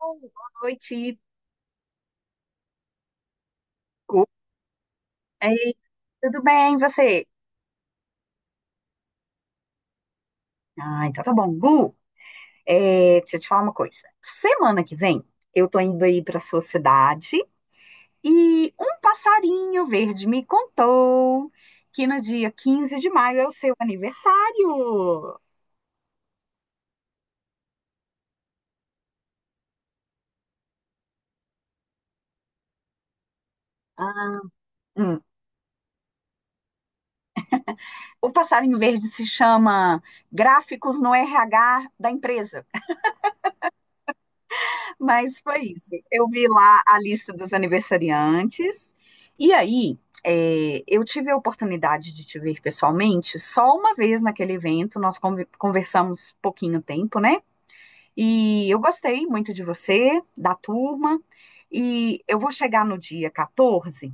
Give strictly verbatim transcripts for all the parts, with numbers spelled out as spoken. Oi, boa noite, Gu. Ei, tudo bem, e você? Ah, então tá bom. Gu, é, deixa eu te falar uma coisa. Semana que vem, eu tô indo aí pra sua cidade e um passarinho verde me contou que no dia quinze de maio é o seu aniversário. Ah, hum. O passarinho verde se chama Gráficos no R H da empresa. Mas foi isso. Eu vi lá a lista dos aniversariantes. E aí, é, eu tive a oportunidade de te ver pessoalmente só uma vez naquele evento. Nós conv- conversamos pouquinho tempo, né? E eu gostei muito de você, da turma. E eu vou chegar no dia catorze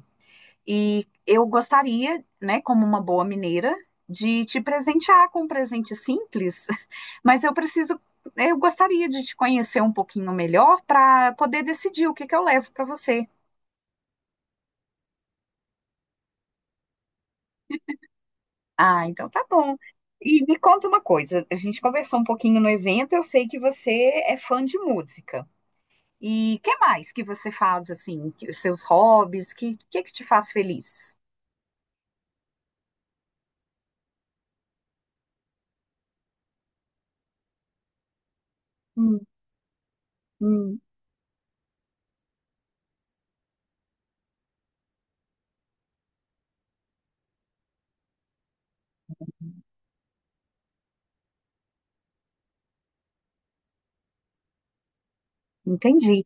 e eu gostaria, né, como uma boa mineira, de te presentear com um presente simples, mas eu preciso, eu gostaria de te conhecer um pouquinho melhor para poder decidir o que que eu levo para você. Ah, então tá bom. E me conta uma coisa, a gente conversou um pouquinho no evento, eu sei que você é fã de música. E que mais que você faz assim, que- os seus hobbies, que que que te faz feliz? Hum, hum, entendi.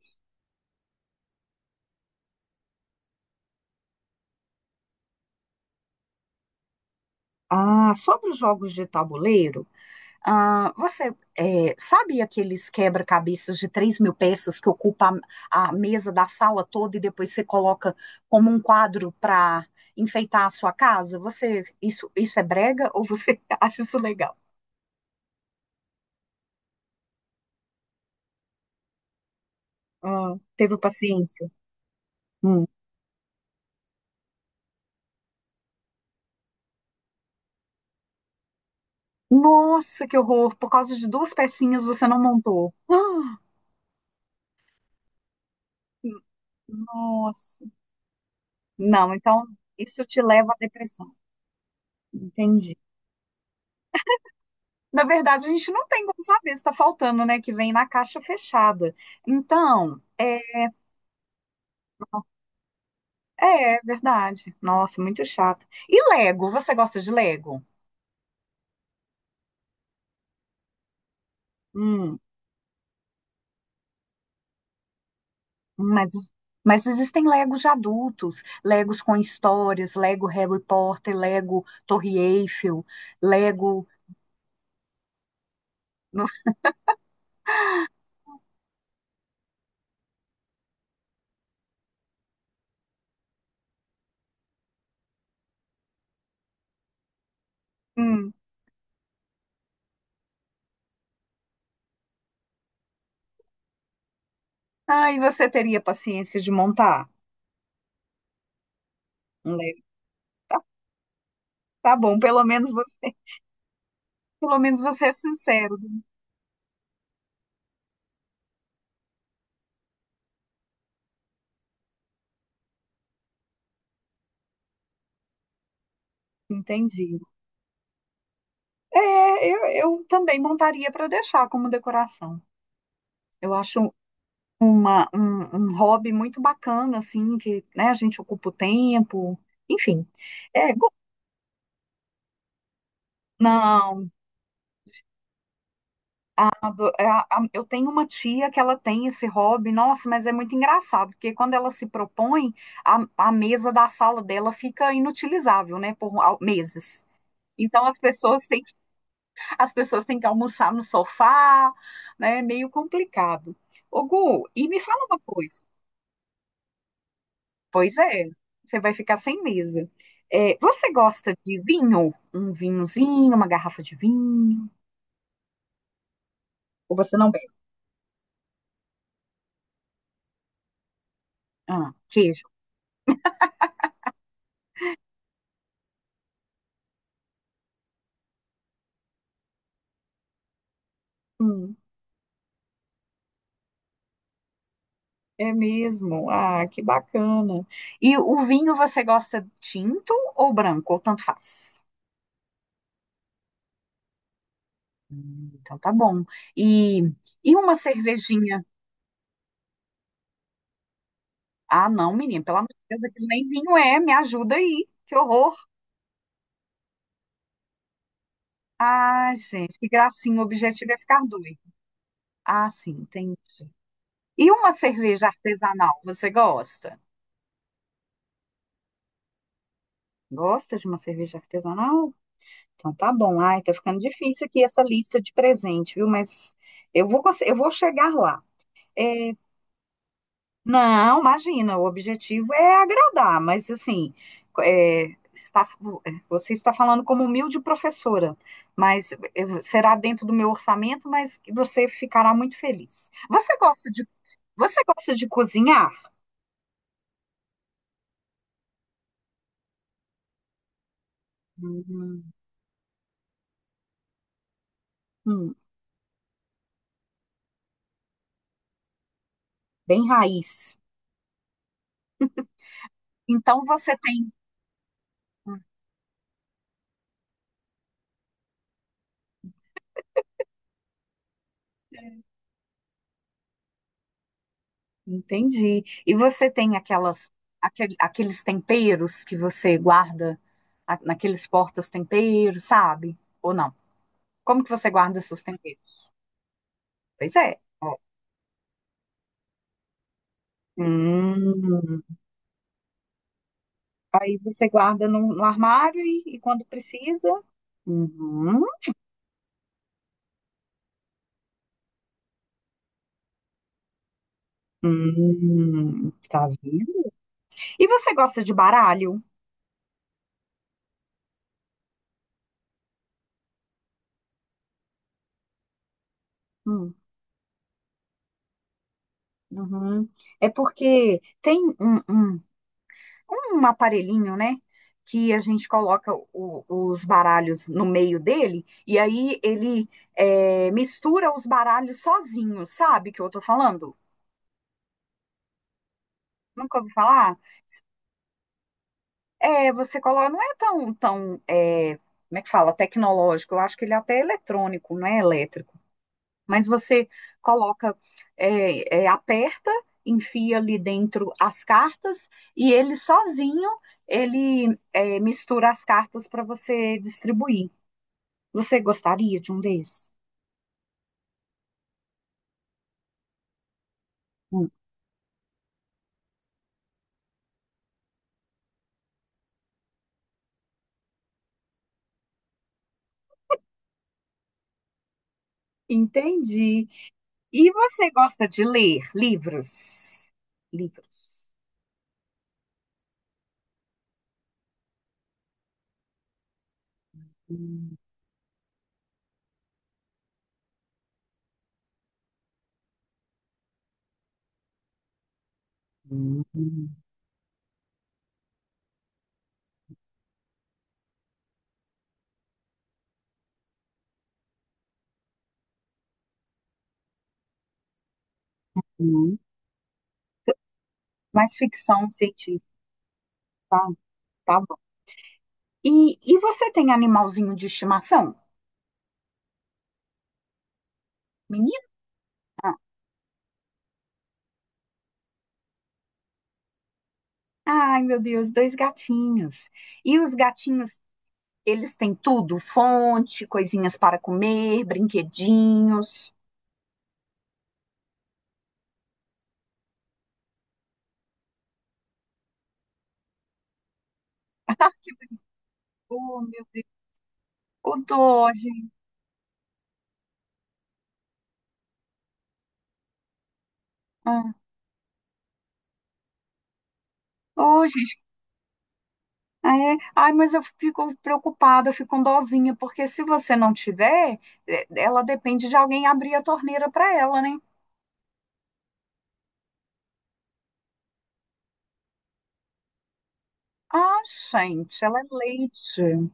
Ah, sobre os jogos de tabuleiro, ah, você é, sabe aqueles quebra-cabeças de três mil peças que ocupa a, a mesa da sala toda e depois você coloca como um quadro para enfeitar a sua casa? Você isso, isso é brega ou você acha isso legal? Ah, teve paciência? Hum. Nossa, que horror! Por causa de duas pecinhas você não montou. Ah, nossa. Não, então isso te leva à depressão. Entendi. Na verdade, a gente não tem como saber se tá faltando, né? Que vem na caixa fechada. Então, é, é verdade. Nossa, muito chato. E Lego? Você gosta de Lego? Hum, mas, mas existem Legos de adultos, Legos com histórias, Lego Harry Potter, Lego Torre Eiffel, Lego. no- Hum. Ah, e você teria paciência de montar um Lego? Tá, tá bom, pelo menos você, pelo menos você é sincero, né? Entendi. É, eu, eu também montaria para deixar como decoração. Eu acho uma, um, um hobby muito bacana, assim, que, né, a gente ocupa o tempo, enfim. É, go- não, a a- a- eu tenho uma tia que ela tem esse hobby, nossa, mas é muito engraçado, porque quando ela se propõe, a, a mesa da sala dela fica inutilizável, né, por al- meses. Então as pessoas as pessoas têm que almoçar no sofá, né? É meio complicado. Ô, Gu, e me fala uma coisa. Pois é, você vai ficar sem mesa. É, você gosta de vinho? Um vinhozinho, uma garrafa de vinho? Ou você não bebe? Ah, queijo. Hum, é mesmo. Ah, que bacana. E o vinho você gosta tinto ou branco? Ou tanto faz? Hum, Então tá bom. E, e uma cervejinha? Ah, não, menina, pelo amor de Deus, aquilo nem vinho é, me ajuda aí. Que horror. Ah, gente, que gracinha, o objetivo é ficar doido. Ah, sim, tem. E uma cerveja artesanal, você gosta? Gosta de uma cerveja artesanal? Então tá bom. Ai, tá ficando difícil aqui essa lista de presente, viu? Mas eu vou, cons- eu vou chegar lá. É, Não, imagina, o objetivo é agradar, mas assim, é, está- você está falando como humilde professora, mas eh, será dentro do meu orçamento, mas você ficará muito feliz. Você gosta de, você gosta de cozinhar? Hum, hum, bem raiz. Então você tem, entendi. E você tem aquelas, aquele- aqueles temperos que você guarda a- naqueles portas-temperos, sabe? Ou não? Como que você guarda os seus temperos? Pois é. Ó. Hum. Aí você guarda no, no armário e, e quando precisa. Uhum. Hum. Tá vendo? E você gosta de baralho? Hum. Uhum. É porque tem um, um, um aparelhinho, né? Que a gente coloca o- os baralhos no meio dele e aí ele é, mistura os baralhos sozinho, sabe o que eu tô falando? Nunca ouvi falar? É, você coloca, não é tão, tão, é, como é que fala, tecnológico, eu acho que ele é até é eletrônico, não é elétrico, mas você coloca, é, é, aperta, enfia ali dentro as cartas e ele sozinho, ele é, mistura as cartas para você distribuir. Você gostaria de um desses? Hum, entendi. E você gosta de ler livros? Livros. Hum, hum, hum. Mais ficção científica. Tá bom. E, e você tem animalzinho de estimação? Menina? Ai, meu Deus, dois gatinhos. E os gatinhos, eles têm tudo? Fonte, coisinhas para comer, brinquedinhos. Oh, meu Deus. Ô, dó, gente. Ah. Ô, gente. É. Ai, mas eu fico preocupada, eu fico com dózinha, porque se você não tiver, é, ela depende de alguém abrir a torneira para ela, né? Ah, gente, ela é leite.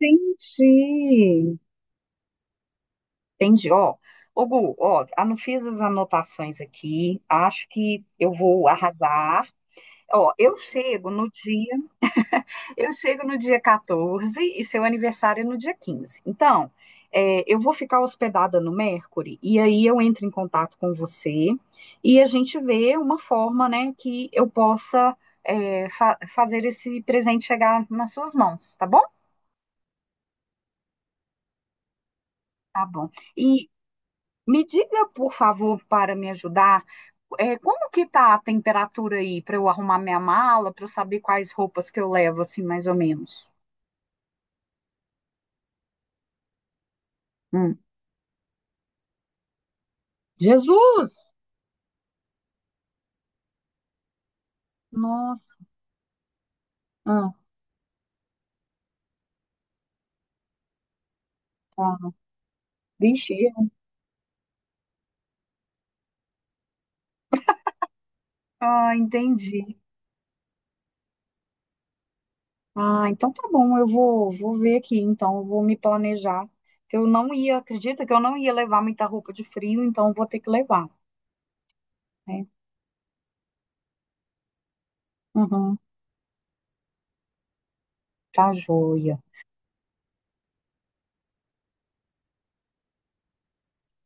Entendi. Entendi. Ó, ô Gu, ó, ah, não fiz as anotações aqui. Acho que eu vou arrasar. Ó, eu chego no dia, eu chego no dia catorze e seu aniversário é no dia quinze. Então, é, eu vou ficar hospedada no Mercury e aí eu entro em contato com você e a gente vê uma forma, né, que eu possa é, fa- fazer esse presente chegar nas suas mãos, tá bom? Tá bom. E me diga, por favor, para me ajudar, é, como que tá a temperatura aí para eu arrumar minha mala, para eu saber quais roupas que eu levo, assim, mais ou menos? Hum. Jesus! Nossa, ah, tá. Vixe, ah, entendi. Ah, então tá bom, eu vou, vou ver aqui, então, eu vou me planejar. Que eu não ia, acredita que eu não ia levar muita roupa de frio, então eu vou ter que levar, né? Uhum, tá joia.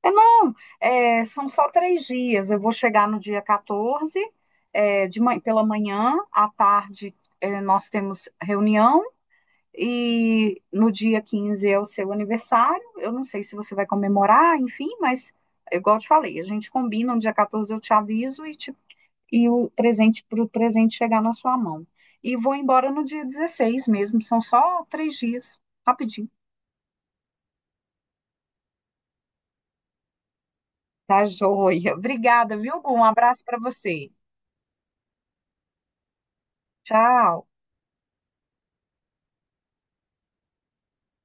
É, não, é, são só três dias. Eu vou chegar no dia catorze, é, de man- pela manhã, à tarde, é, nós temos reunião, e no dia quinze é o seu aniversário. Eu não sei se você vai comemorar, enfim, mas igual eu te falei, a gente combina, no dia quatorze eu te aviso e, te- e o presente para o presente chegar na sua mão. E vou embora no dia dezesseis, mesmo, são só três dias, rapidinho. Tá joia. Obrigada, viu, Gu? Um abraço para você. Tchau.